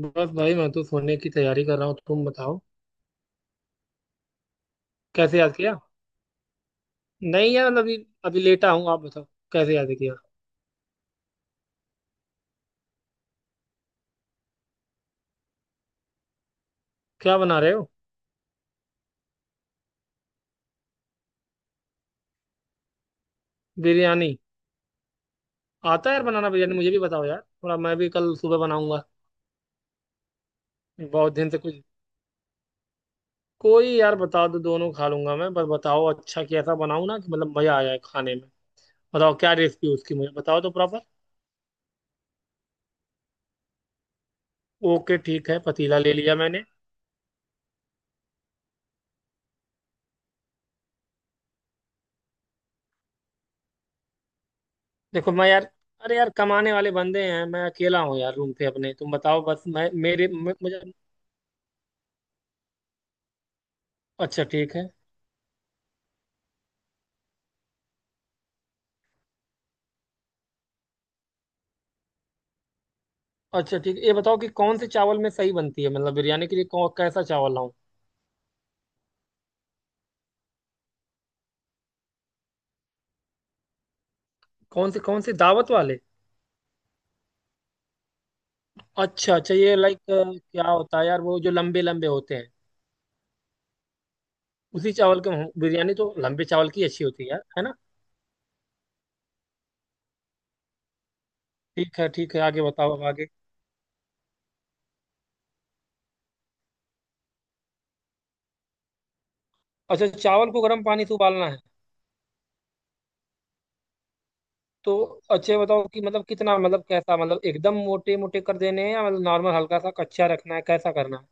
बस भाई मैं तो सोने की तैयारी कर रहा हूँ, तुम बताओ। कैसे याद किया? नहीं यार, अभी अभी लेटा हूँ, आप बताओ। कैसे याद किया? क्या बना रहे हो? बिरयानी? आता है यार बनाना बिरयानी, मुझे भी बताओ यार, थोड़ा मैं भी कल सुबह बनाऊंगा। बहुत दिन से कुछ, कोई यार बता दो, दोनों खा लूंगा मैं, बस बताओ। अच्छा कैसा बनाऊं ना कि मतलब मजा आ जाए खाने में? बताओ क्या रेसिपी उसकी, मुझे बताओ तो प्रॉपर। ओके ठीक है, पतीला ले लिया मैंने। देखो मैं यार, अरे यार कमाने वाले बंदे हैं, मैं अकेला हूँ यार रूम पे अपने, तुम बताओ बस। मैं मुझे। अच्छा ठीक है। अच्छा ठीक है, ये बताओ कि कौन से चावल में सही बनती है, मतलब बिरयानी के लिए कौन कैसा चावल लाऊं? कौन से दावत वाले? अच्छा अच्छा, ये लाइक क्या होता है यार, वो जो लंबे लंबे होते हैं? उसी चावल के बिरयानी तो लंबे चावल की अच्छी होती है यार, है ना? ठीक है ठीक है, आगे बताओ, अब आगे। अच्छा चावल को गर्म पानी से उबालना है? तो अच्छा ये बताओ कि मतलब कितना, मतलब कैसा, मतलब एकदम मोटे मोटे कर देने हैं या मतलब नॉर्मल हल्का सा कच्चा रखना है, कैसा करना है?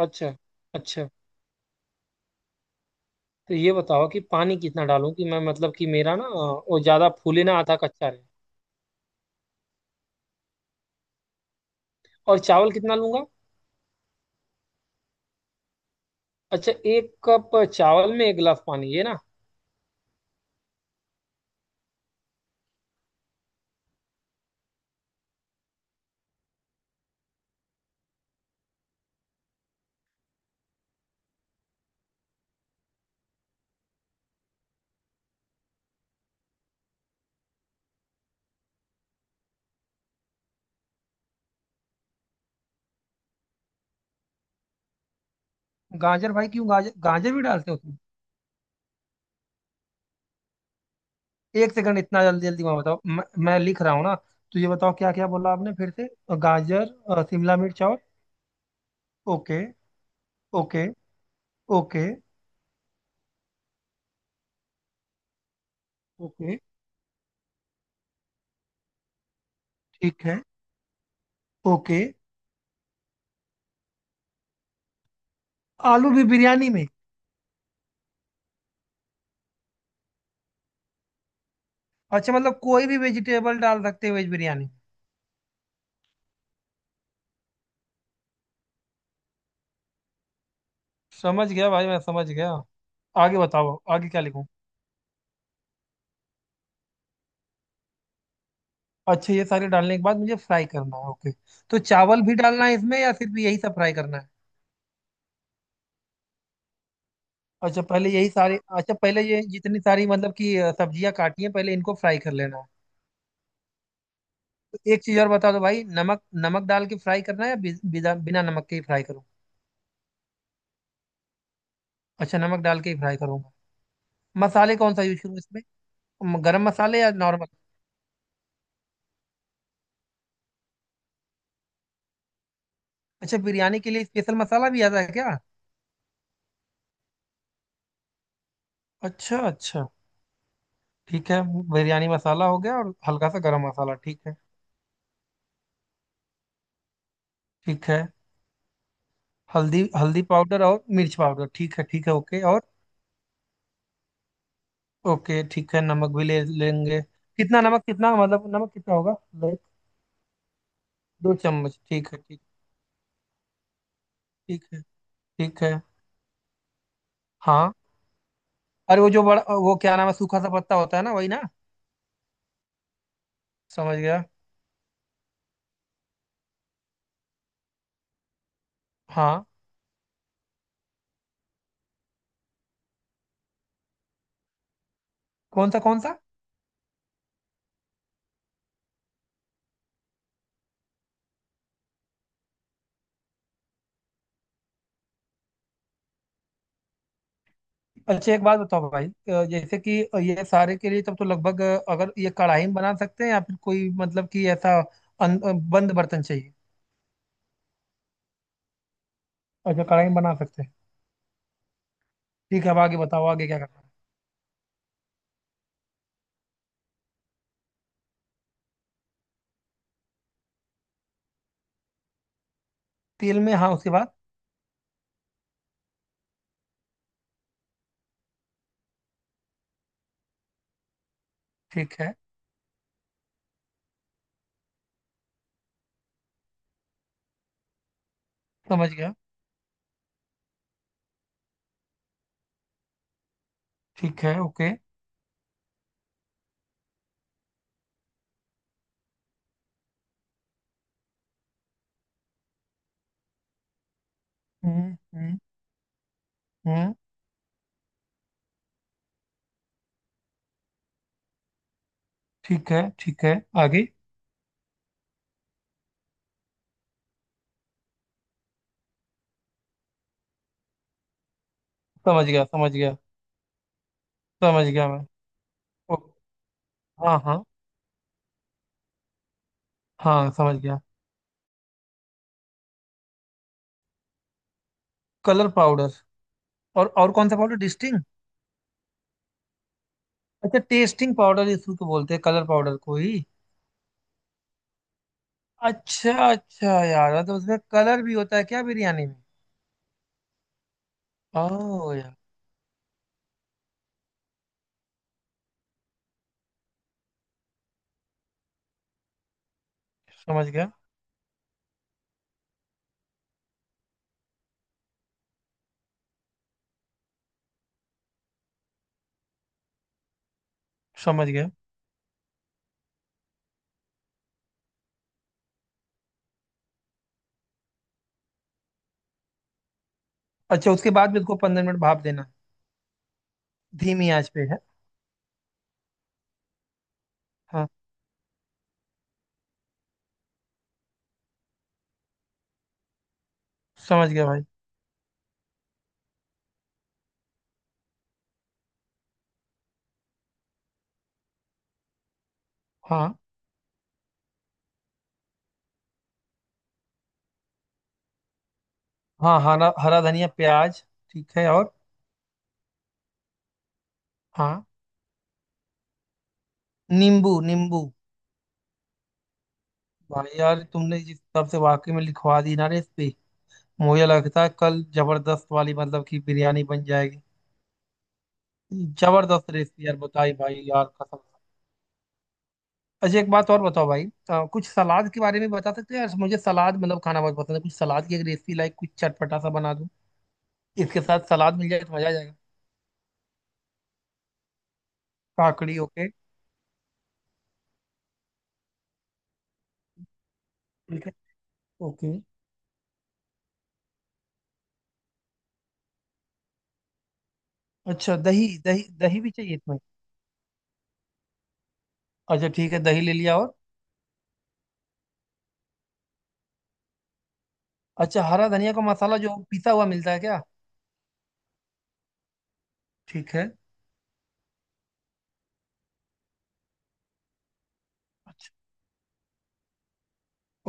अच्छा। अच्छा तो ये बताओ कि पानी कितना डालूं कि मैं, मतलब कि मेरा ना वो ज्यादा फूले ना आधा कच्चा रहे। और चावल कितना लूंगा? अच्छा, एक कप चावल में एक गिलास पानी, ये ना? गाजर भाई क्यों, गाजर गाजर भी डालते हो तुम? एक सेकंड, इतना जल्दी जल्दी मैं, बताओ, मैं लिख रहा हूँ ना। तो ये बताओ क्या क्या बोला आपने फिर से। गाजर, शिमला मिर्च और? ओके। ओके। ओके। ओके। ठीक है। ओके। आलू भी बिरयानी में? अच्छा मतलब कोई भी वेजिटेबल डाल सकते हो वेज बिरयानी में। समझ गया भाई, मैं समझ गया। आगे बताओ, आगे क्या लिखूं? अच्छा ये सारे डालने के बाद मुझे फ्राई करना है, ओके। तो चावल भी डालना है इसमें या सिर्फ यही सब फ्राई करना है? अच्छा पहले यही सारे, अच्छा पहले ये जितनी सारी मतलब कि सब्जियां काटी हैं पहले इनको फ्राई कर लेना है। तो एक चीज और बता दो भाई, नमक, नमक डाल के फ्राई करना है या बि- बिना बिना नमक के ही फ्राई करूँ? अच्छा नमक डाल के ही फ्राई करूंगा। मसाले कौन सा यूज करूँ इसमें? गरम मसाले या नॉर्मल? अच्छा बिरयानी के लिए स्पेशल मसाला भी आता है क्या? अच्छा अच्छा, ठीक है। बिरयानी मसाला हो गया और हल्का सा गरम मसाला, ठीक है। ठीक है। हल्दी, हल्दी पाउडर और मिर्च पाउडर, ठीक है ओके, और? ओके ठीक है, नमक भी ले लेंगे। कितना नमक, कितना, मतलब नमक कितना होगा? लाइक? 2 चम्मच ठीक है, ठीक। ठीक है। ठीक है। हाँ। अरे वो जो बड़ा, वो क्या नाम है, सूखा सा पत्ता होता है ना, वही ना? समझ गया। हाँ। कौन सा कौन सा? अच्छा एक बात बताओ भाई, जैसे कि ये सारे के लिए तब तो लगभग, अगर ये कढ़ाई में बना सकते हैं या फिर कोई मतलब कि ऐसा बंद बर्तन चाहिए? अच्छा कढ़ाई में बना सकते हैं। ठीक है, अब आगे बताओ, आगे क्या करना है? तेल में, हाँ उसके बाद? ठीक है, समझ गया। ठीक है, ओके। हम्म, हम्म, हम्म। ठीक है ठीक है। आगे। समझ गया, समझ गया। समझ गया मैं। ओ, हाँ हाँ हाँ, समझ गया। Colour powder? और कौन सा पाउडर, डिस्टिंग? अच्छा टेस्टिंग पाउडर, इसको तो बोलते हैं कलर पाउडर को ही। अच्छा अच्छा यार, तो उसमें कलर भी होता है क्या बिरयानी में? ओ यार। समझ गया। समझ गया। अच्छा उसके बाद भी उसको 15 मिनट भाप देना है। धीमी आंच पे है? हाँ। समझ गया भाई। हाँ। हाँ हरा, हरा धनिया प्याज। ठीक है, और? हाँ। नींबू, नींबू। भाई यार तुमने जिस हिसाब से वाकई में लिखवा दी ना रेसिपी, मुझे लगता है कल जबरदस्त वाली मतलब की बिरयानी बन जाएगी। जबरदस्त रेसिपी यार बताई भाई, यार कसम से। अच्छा एक बात और बताओ भाई, कुछ सलाद के बारे में बता सकते हो यार, मुझे सलाद मतलब खाना बहुत पसंद है, कुछ सलाद की एक रेसिपी लाइक, कुछ चटपटा सा बना दूं, इसके साथ सलाद मिल जाए तो मजा आ जाएगा। काकड़ी, ओके। ठीक है। ओके। अच्छा दही, दही दही भी चाहिए इसमें? अच्छा ठीक है, दही ले लिया, और? अच्छा हरा धनिया का मसाला जो पिसा हुआ मिलता है क्या? ठीक है।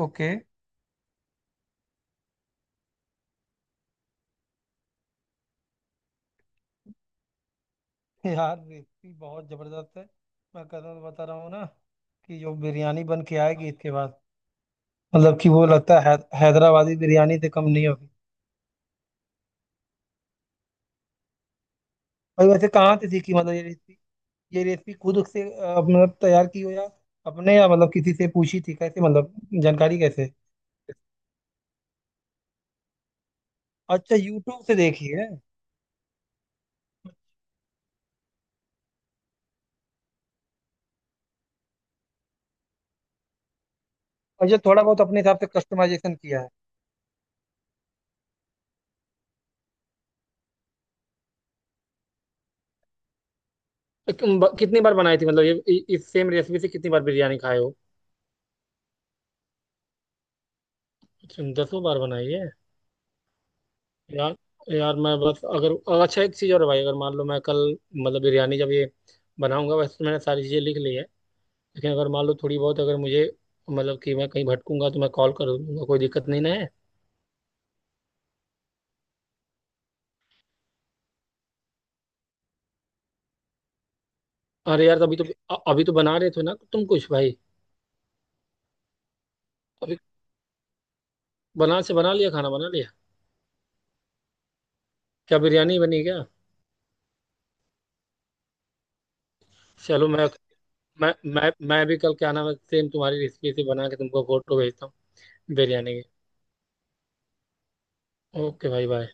ओके। यार रेसिपी बहुत जबरदस्त है, मैं कसम से बता रहा हूँ ना कि जो बिरयानी बन के आएगी इसके बाद, मतलब कि वो लगता है, हैदराबादी बिरयानी से कम नहीं होगी। भाई वैसे कहाँ से सीखी मतलब ये रेसिपी? ये रेसिपी खुद से मतलब तैयार की हो या अपने, या मतलब किसी से पूछी थी, कैसे मतलब जानकारी कैसे? अच्छा यूट्यूब से देखी है। अच्छा थोड़ा बहुत अपने हिसाब से कस्टमाइजेशन किया है। कितनी बार बनाई थी मतलब ये, इस सेम रेसिपी से कितनी बार बिरयानी खाए हो? तुम दसों बार बनाई है? यार। यार मैं बस, अगर अगर- अच्छा एक चीज़ और है भाई, अगर मान लो मैं कल, मतलब बिरयानी जब ये बनाऊंगा, वैसे तो मैंने सारी चीज़ें लिख ली है लेकिन अगर मान लो थोड़ी बहुत अगर मुझे, मतलब कि मैं कहीं भटकूंगा तो मैं कॉल कर दूंगा, कोई दिक्कत नहीं ना है? अरे यार अभी तो, अभी तो बना रहे थे ना तुम कुछ भाई। अभी बना लिया, खाना बना लिया? क्या बिरयानी बनी क्या? चलो, मैं भी कल क्या नाम है सेम तुम्हारी रेसिपी से बना के तुमको फोटो भेजता हूँ, बिरयानी की। ओके भाई बाय।